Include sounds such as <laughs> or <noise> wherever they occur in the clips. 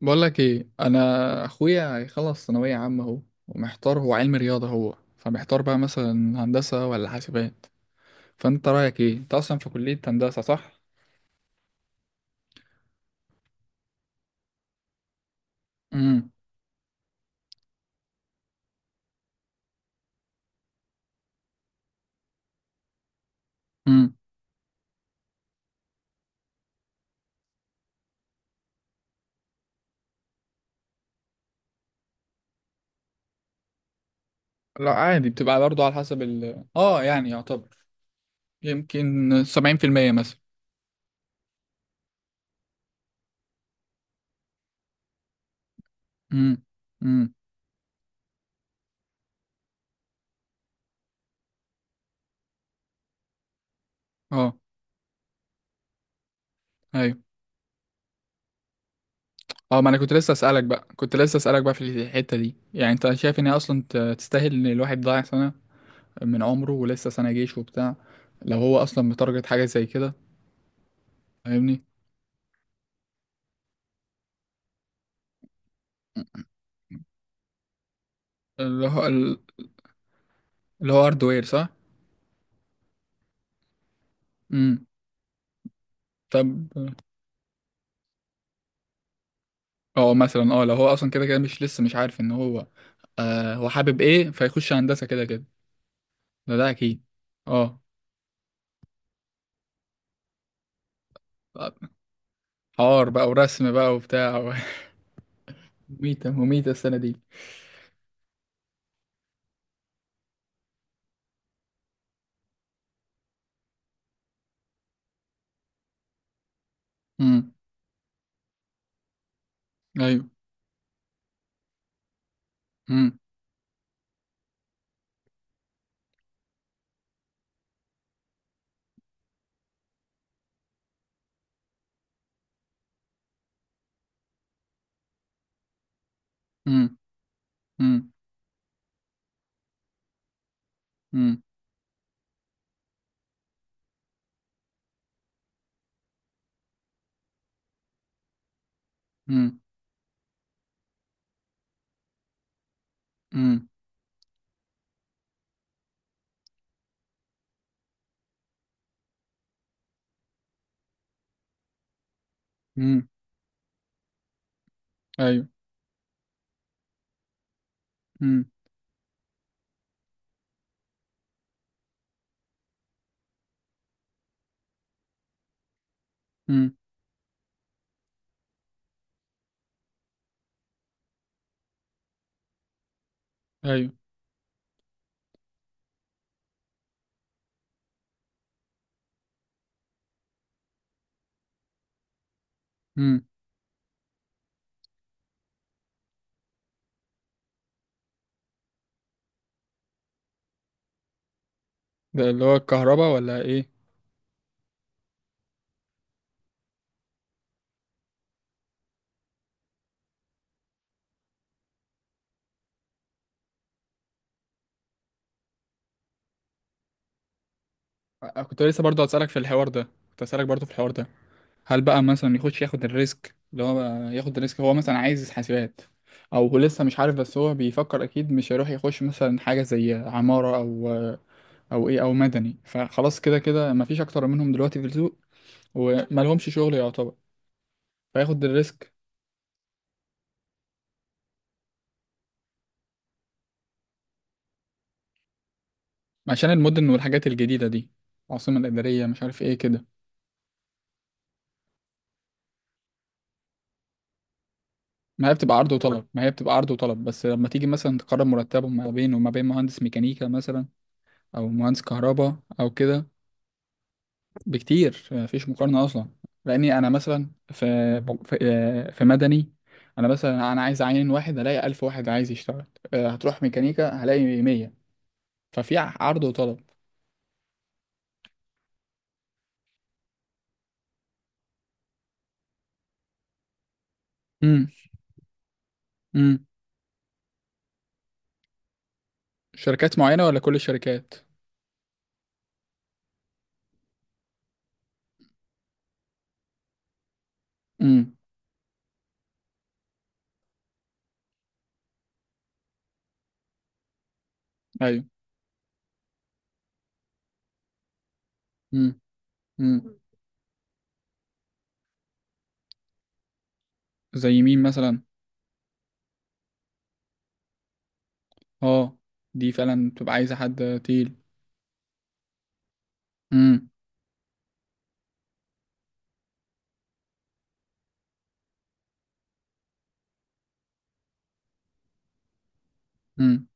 بقول لك ايه، انا اخويا هيخلص ثانويه عامه اهو. ومحتار، هو علم رياضه، هو فمحتار بقى مثلا هندسه ولا حاسبات. فانت رايك ايه؟ انت اصلا في كليه هندسه صح؟ امم امم. لا عادي، بتبقى برضه على حسب ال يعني يعتبر يمكن 70% مثلا. امم امم اه ايوه اه ما انا كنت لسه اسالك بقى، كنت لسه اسالك بقى في الحته دي، يعني انت شايف ان هي اصلا تستاهل ان الواحد ضايع سنه من عمره، ولسه سنه جيش وبتاع، لو هو اصلا متارجت حاجه زي كده؟ فاهمني؟ اللي هو هاردوير صح؟ امم. طب اه مثلا لو هو اصلا كده كده مش لسه مش عارف ان هو هو حابب ايه، فيخش هندسة كده كده، ده ده اكيد. اه، حوار بقى ورسم بقى وبتاع و- <laughs> مميتة مميتة السنة دي. امم. ايوه. امم امم امم امم امم امم امم. ايوه. امم امم. ايوه. امم. ده اللي هو الكهرباء ولا ايه؟ كنت لسه برضه هسألك في الحوار ده، كنت هسألك برضه في الحوار ده، هل بقى مثلا يخش ياخد الريسك؟ اللي هو بقى ياخد الريسك هو مثلا عايز حاسبات، او هو لسه مش عارف، بس هو بيفكر اكيد مش هيروح يخش مثلا حاجه زي عماره او او ايه او مدني. فخلاص، كده كده مفيش اكتر منهم دلوقتي في السوق، ومالهمش شغل يعتبر، فياخد الريسك. عشان المدن والحاجات الجديده دي، العاصمه الاداريه، مش عارف ايه كده. ما هي بتبقى عرض وطلب، ما هي بتبقى عرض وطلب، بس لما تيجي مثلا تقارن مرتبهم ما بينه وما بين مهندس ميكانيكا مثلا، او مهندس كهرباء او كده، بكتير مفيش مقارنة أصلا. لأني أنا مثلا في في مدني، أنا مثلا أنا عايز أعين واحد، هلاقي ألف واحد عايز يشتغل. هتروح ميكانيكا هلاقي مية. ففي عرض وطلب. امم. امم. شركات معينة ولا كل الشركات؟ امم. أيوه. امم امم. زي مين مثلا؟ أه. دي فعلا بتبقى عايزة حد تقيل. امم امم.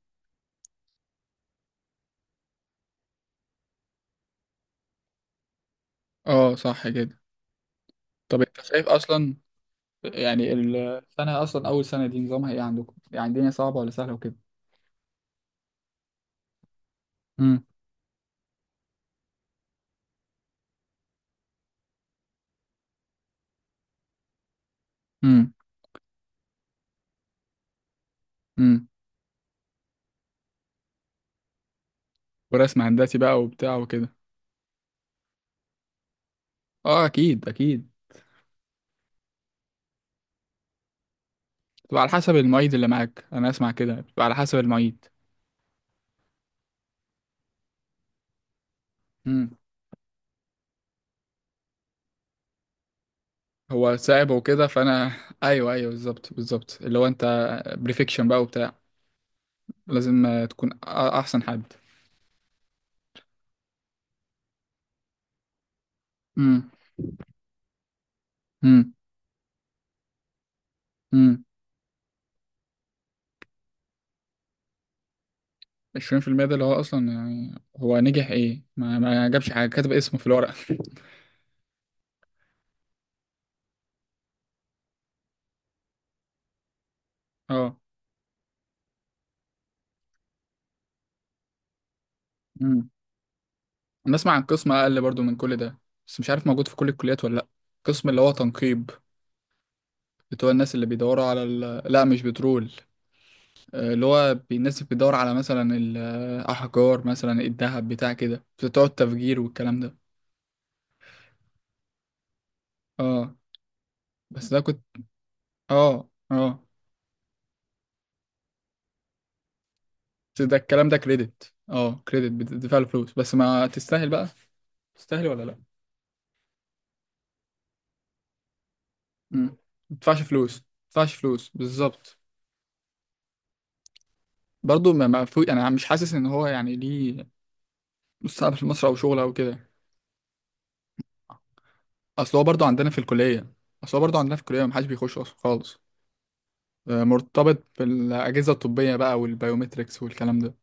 أه صح كده. طب أنت شايف أصلا، يعني السنة أصلا، أول سنة دي نظامها إيه عندكم؟ يعني الدنيا صعبة ولا سهلة وكده؟ امم امم. ورسم هندسي بقى وبتاع وكده. اه اكيد اكيد. بتبقى على حسب المعيد اللي معاك، انا اسمع كده بتبقى على حسب المعيد. امم. هو صعب وكده فانا <laughs> ايوه ايوه بالظبط بالظبط اللي هو انت بريفكشن بقى وبتاع، لازم تكون احسن حد. امم امم امم. 20% ده اللي هو اصلا يعني هو نجح ايه، ما جابش حاجه، كاتب اسمه في الورقه. <laughs> اه. امم. بسمع عن قسم اقل برضو من كل ده، بس مش عارف موجود في كل الكليات ولا لا. قسم اللي هو تنقيب، بتوع الناس اللي بيدوروا على ال... لا مش بترول. اللي هو الناس اللي بتدور على مثلا الأحجار، مثلا الذهب، بتاع كده، بتوع التفجير والكلام ده. اه. بس ده كنت. اه اه. بس ده الكلام ده كريدت، اه كريدت بتدفع له فلوس، بس ما تستاهل بقى، تستاهل ولا لا. امم. ما تدفعش فلوس، ما تدفعش فلوس بالظبط. برضه ما فوق، انا مش حاسس ان هو يعني ليه مستقبل في مصر او شغل او كده. اصل هو برضه عندنا في الكليه، اصل هو برضه عندنا في الكليه ما حدش بيخش أصلاً خالص. مرتبط بالأجهزة الطبية بقى والبيومتريكس والكلام ده.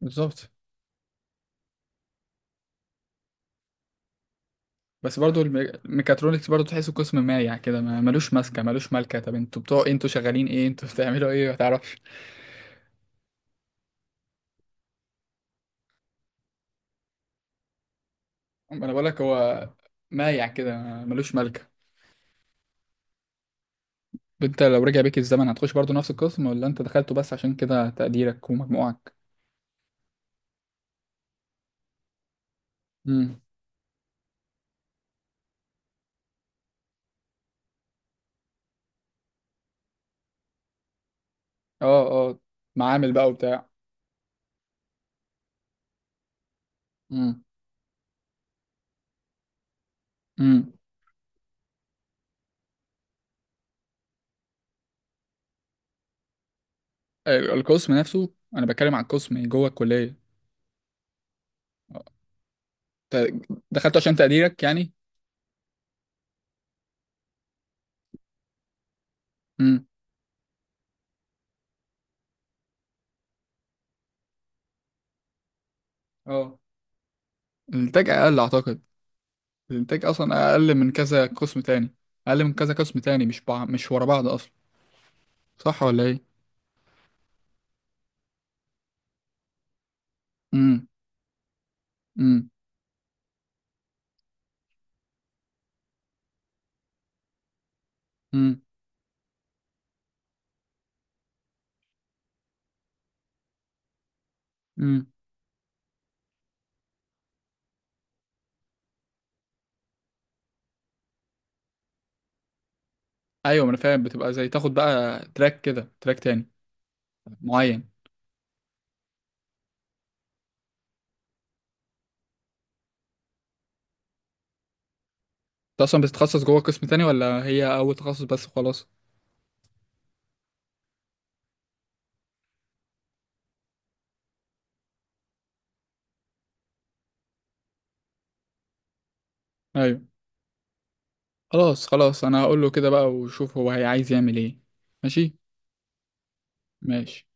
بالظبط. بس برضو الميكاترونكس برضو تحسه قسم مايع كده، ما ملوش ماسكة ملوش مالكة، طب انتوا بتوع ايه؟ انتوا شغالين ايه؟ انتوا <laughs> بتعملوا ايه ما تعرفش. ما انا بقولك هو مايع كده، ملوش مالكة. انت لو رجع بيك الزمن هتخش برضو نفس القسم، ولا انت دخلته بس عشان كده تقديرك ومجموعك؟ امم. اه اه. معامل بقى وبتاع. امم امم. القسم نفسه، انا بتكلم عن القسم جوه الكلية. اه. ت- دخلته عشان تقديرك يعني؟ اه الانتاج اقل اعتقد. الانتاج اصلا اقل من كذا قسم تاني، اقل من كذا قسم تاني، مش مش ورا بعض اصلا، صح ولا ايه؟ امم امم امم امم. ايوه، ما انا فاهم، بتبقى زي تاخد بقى تراك كده، تراك تاني معين. انت اصلا بتتخصص جوه قسم تاني ولا هي اول تخصص بس خلاص؟ ايوه. خلاص خلاص، انا هقول له كده بقى وشوف هو هي عايز يعمل ايه. ماشي. ماشي.